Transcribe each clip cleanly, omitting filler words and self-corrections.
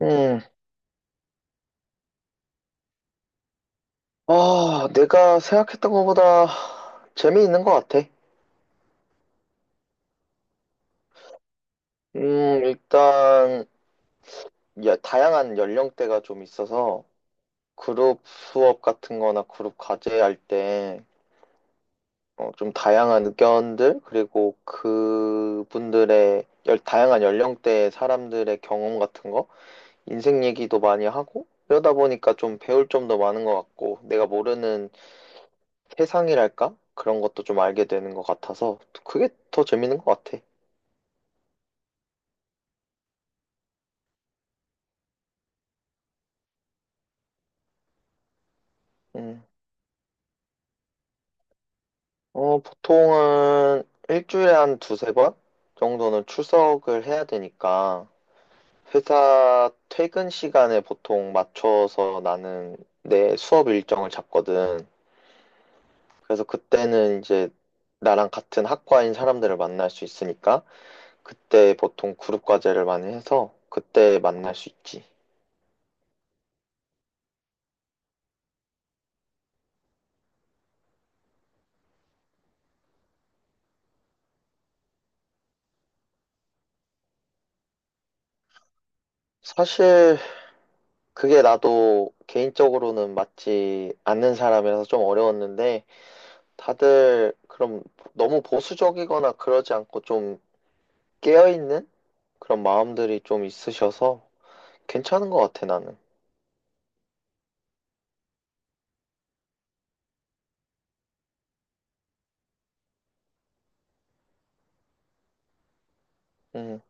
음, 아, 내가 생각했던 것보다 재미있는 것 같아. 일단, 야, 다양한 연령대가 좀 있어서, 그룹 수업 같은 거나 그룹 과제 할 때, 좀 다양한 의견들, 그리고 그분들의, 다양한 연령대의 사람들의 경험 같은 거, 인생 얘기도 많이 하고, 그러다 보니까 좀 배울 점도 많은 것 같고, 내가 모르는 세상이랄까? 그런 것도 좀 알게 되는 것 같아서, 그게 더 재밌는 것 같아. 음. 어, 보통은 일주일에 한 두세 번 정도는 출석을 해야 되니까 회사 퇴근 시간에 보통 맞춰서 나는 내 수업 일정을 잡거든. 그래서 그때는 이제 나랑 같은 학과인 사람들을 만날 수 있으니까 그때 보통 그룹 과제를 많이 해서 그때 만날 수 있지. 사실 그게 나도 개인적으로는 맞지 않는 사람이라서 좀 어려웠는데 다들 그럼 너무 보수적이거나 그러지 않고 좀 깨어있는 그런 마음들이 좀 있으셔서 괜찮은 것 같아, 나는. 음.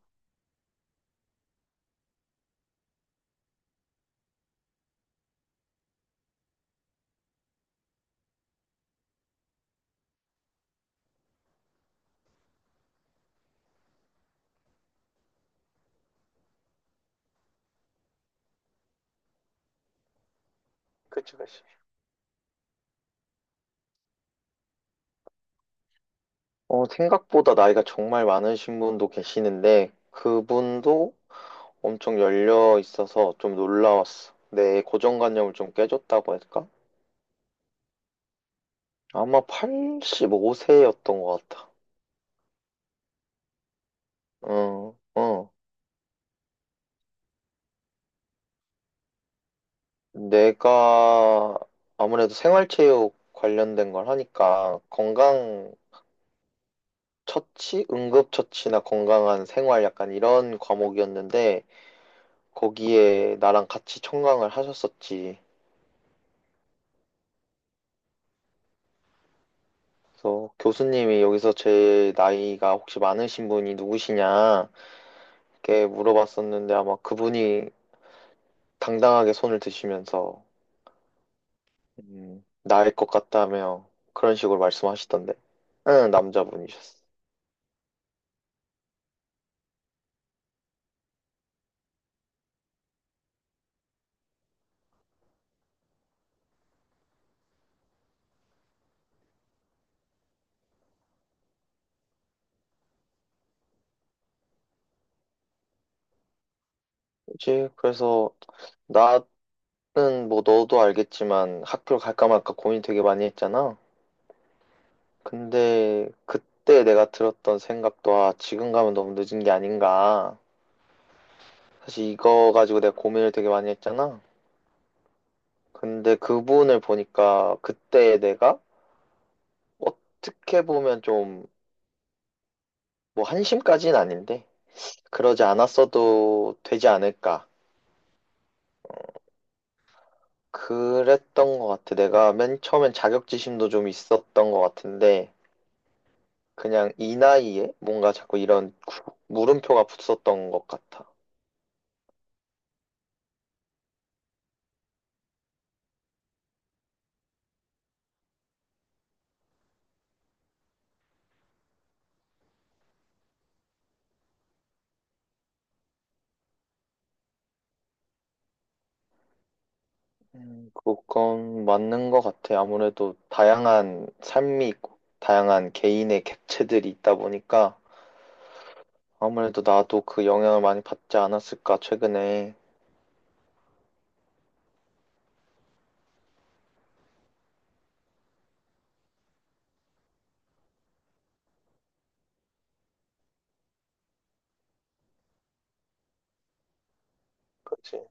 그치, 그치. 어, 생각보다 나이가 정말 많으신 분도 계시는데 그분도 엄청 열려 있어서 좀 놀라웠어. 내 고정관념을 좀 깨줬다고 할까? 아마 85세였던 것 같아. 어, 어. 내가 아무래도 생활체육 관련된 걸 하니까 건강 처치, 응급처치나 건강한 생활 약간 이런 과목이었는데 거기에 나랑 같이 청강을 하셨었지. 그래서 교수님이 여기서 제 나이가 혹시 많으신 분이 누구시냐 이렇게 물어봤었는데 아마 그분이 당당하게 손을 드시면서 나일 것 같다며 그런 식으로 말씀하시던데. 응, 남자분이셨어. 그치? 그래서 나는 뭐 너도 알겠지만 학교 갈까 말까 고민 되게 많이 했잖아. 근데 그때 내가 들었던 생각도 아, 지금 가면 너무 늦은 게 아닌가. 사실 이거 가지고 내가 고민을 되게 많이 했잖아. 근데 그분을 보니까 그때 내가 어떻게 보면 좀 뭐 한심까지는 아닌데 그러지 않았어도 되지 않을까. 그랬던 것 같아. 내가 맨 처음엔 자격지심도 좀 있었던 것 같은데 그냥 이 나이에 뭔가 자꾸 이런 물음표가 붙었던 것 같아. 그건 맞는 것 같아. 아무래도 다양한 삶이 있고, 다양한 개인의 객체들이 있다 보니까, 아무래도 나도 그 영향을 많이 받지 않았을까, 최근에. 그치.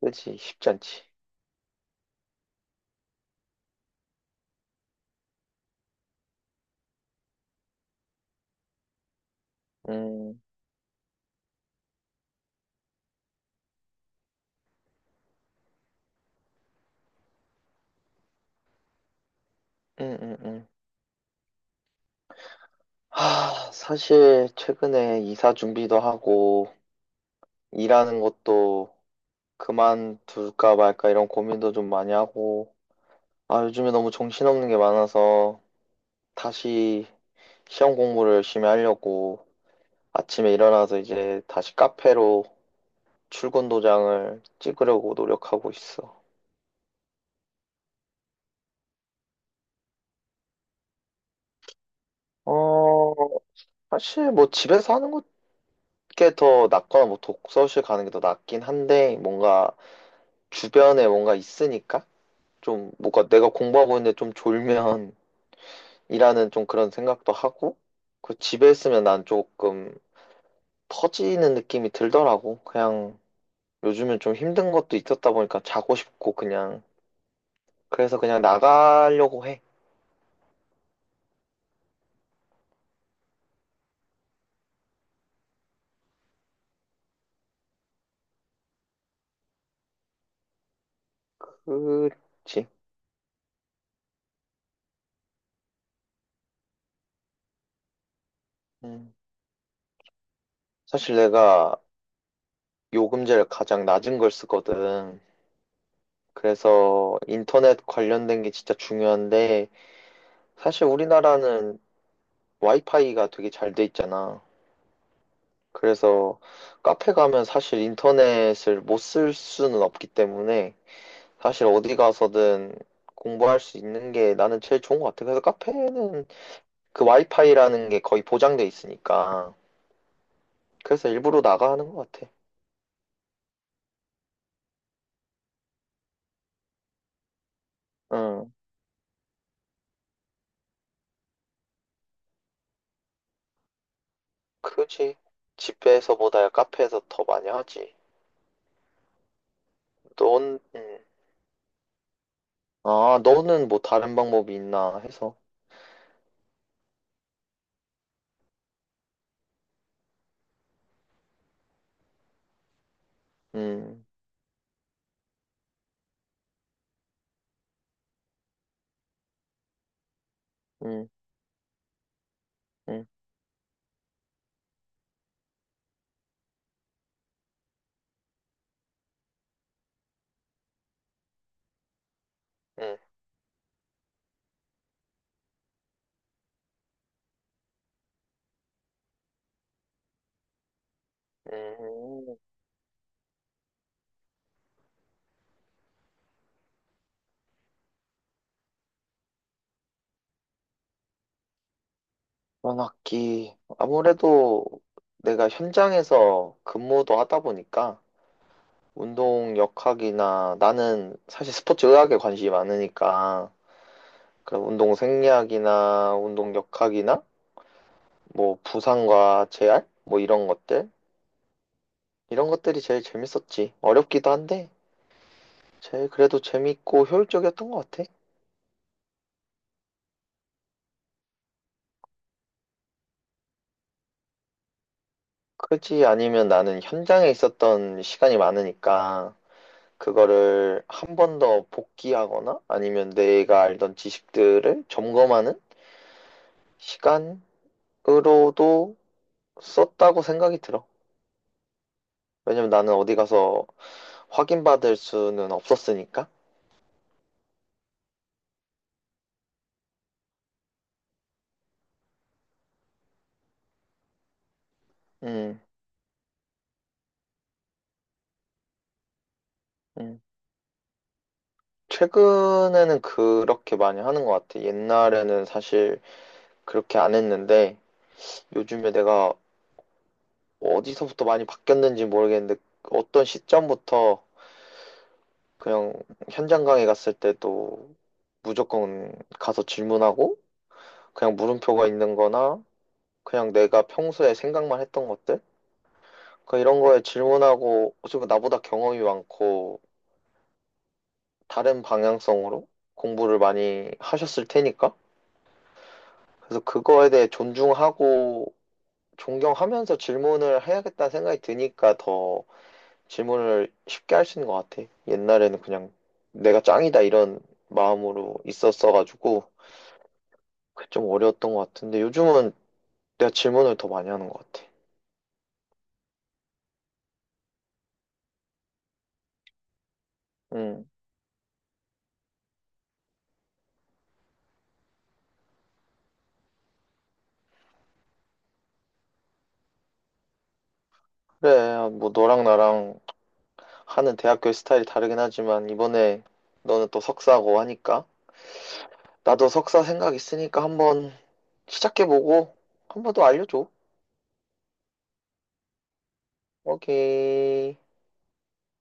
그치, 쉽지 않지. 음, 음, 음, 음. 하, 사실, 최근에 이사 준비도 하고, 일하는 것도 그만둘까 말까 이런 고민도 좀 많이 하고, 아, 요즘에 너무 정신없는 게 많아서, 다시 시험 공부를 열심히 하려고, 아침에 일어나서 이제 다시 카페로 출근 도장을 찍으려고 노력하고 있어. 어, 사실 뭐 집에서 하는 게 더 낫거나 뭐 독서실 가는 게 더 낫긴 한데 뭔가 주변에 뭔가 있으니까 좀 뭔가 내가 공부하고 있는데 좀 졸면 이라는 좀 그런 생각도 하고 그 집에 있으면 난 조금 터지는 느낌이 들더라고. 그냥 요즘은 좀 힘든 것도 있었다 보니까 자고 싶고 그냥 그래서 그냥 나가려고 해. 그 음, 사실 내가 요금제를 가장 낮은 걸 쓰거든. 그래서 인터넷 관련된 게 진짜 중요한데, 사실 우리나라는 와이파이가 되게 잘 돼 있잖아. 그래서 카페 가면 사실 인터넷을 못 쓸 수는 없기 때문에, 사실 어디 가서든 공부할 수 있는 게 나는 제일 좋은 것 같아. 그래서 카페는 그 와이파이라는 게 거의 보장돼 있으니까. 그래서 일부러 나가 하는 것 같아. 응. 그지. 집에서보다야 카페에서 더 많이 하지. 넌, 아, 너는 뭐 다른 방법이 있나 해서. 음, 음, 음, 음, 음. 이번 학기. 아무래도 내가 현장에서 근무도 하다 보니까 운동 역학이나 나는 사실 스포츠 의학에 관심이 많으니까 그런 운동 생리학이나 운동 역학이나 뭐 부상과 재활? 뭐 이런 것들? 이런 것들이 제일 재밌었지. 어렵기도 한데 제일 그래도 재밌고 효율적이었던 것 같아. 그렇지 아니면 나는 현장에 있었던 시간이 많으니까 그거를 한 번 더 복기하거나 아니면 내가 알던 지식들을 점검하는 시간으로도 썼다고 생각이 들어. 왜냐면 나는 어디 가서 확인받을 수는 없었으니까. 음, 음. 최근에는 그렇게 많이 하는 것 같아. 옛날에는 사실 그렇게 안 했는데 요즘에 내가 뭐 어디서부터 많이 바뀌었는지 모르겠는데 어떤 시점부터 그냥 현장 강의 갔을 때도 무조건 가서 질문하고 그냥 물음표가 있는 거나 그냥 내가 평소에 생각만 했던 것들 그 이런 거에 질문하고 어차피 나보다 경험이 많고 다른 방향성으로 공부를 많이 하셨을 테니까 그래서 그거에 대해 존중하고 존경하면서 질문을 해야겠다는 생각이 드니까 더 질문을 쉽게 할 수 있는 것 같아. 옛날에는 그냥 내가 짱이다 이런 마음으로 있었어가지고 그게 좀 어려웠던 것 같은데 요즘은 내가 질문을 더 많이 하는 것 같아. 음 그래, 뭐 너랑 나랑 하는 대학교의 스타일이 다르긴 하지만 이번에 너는 또 석사고 하니까 나도 석사 생각 있으니까 한번 시작해보고 한번 더 알려줘. 오케이.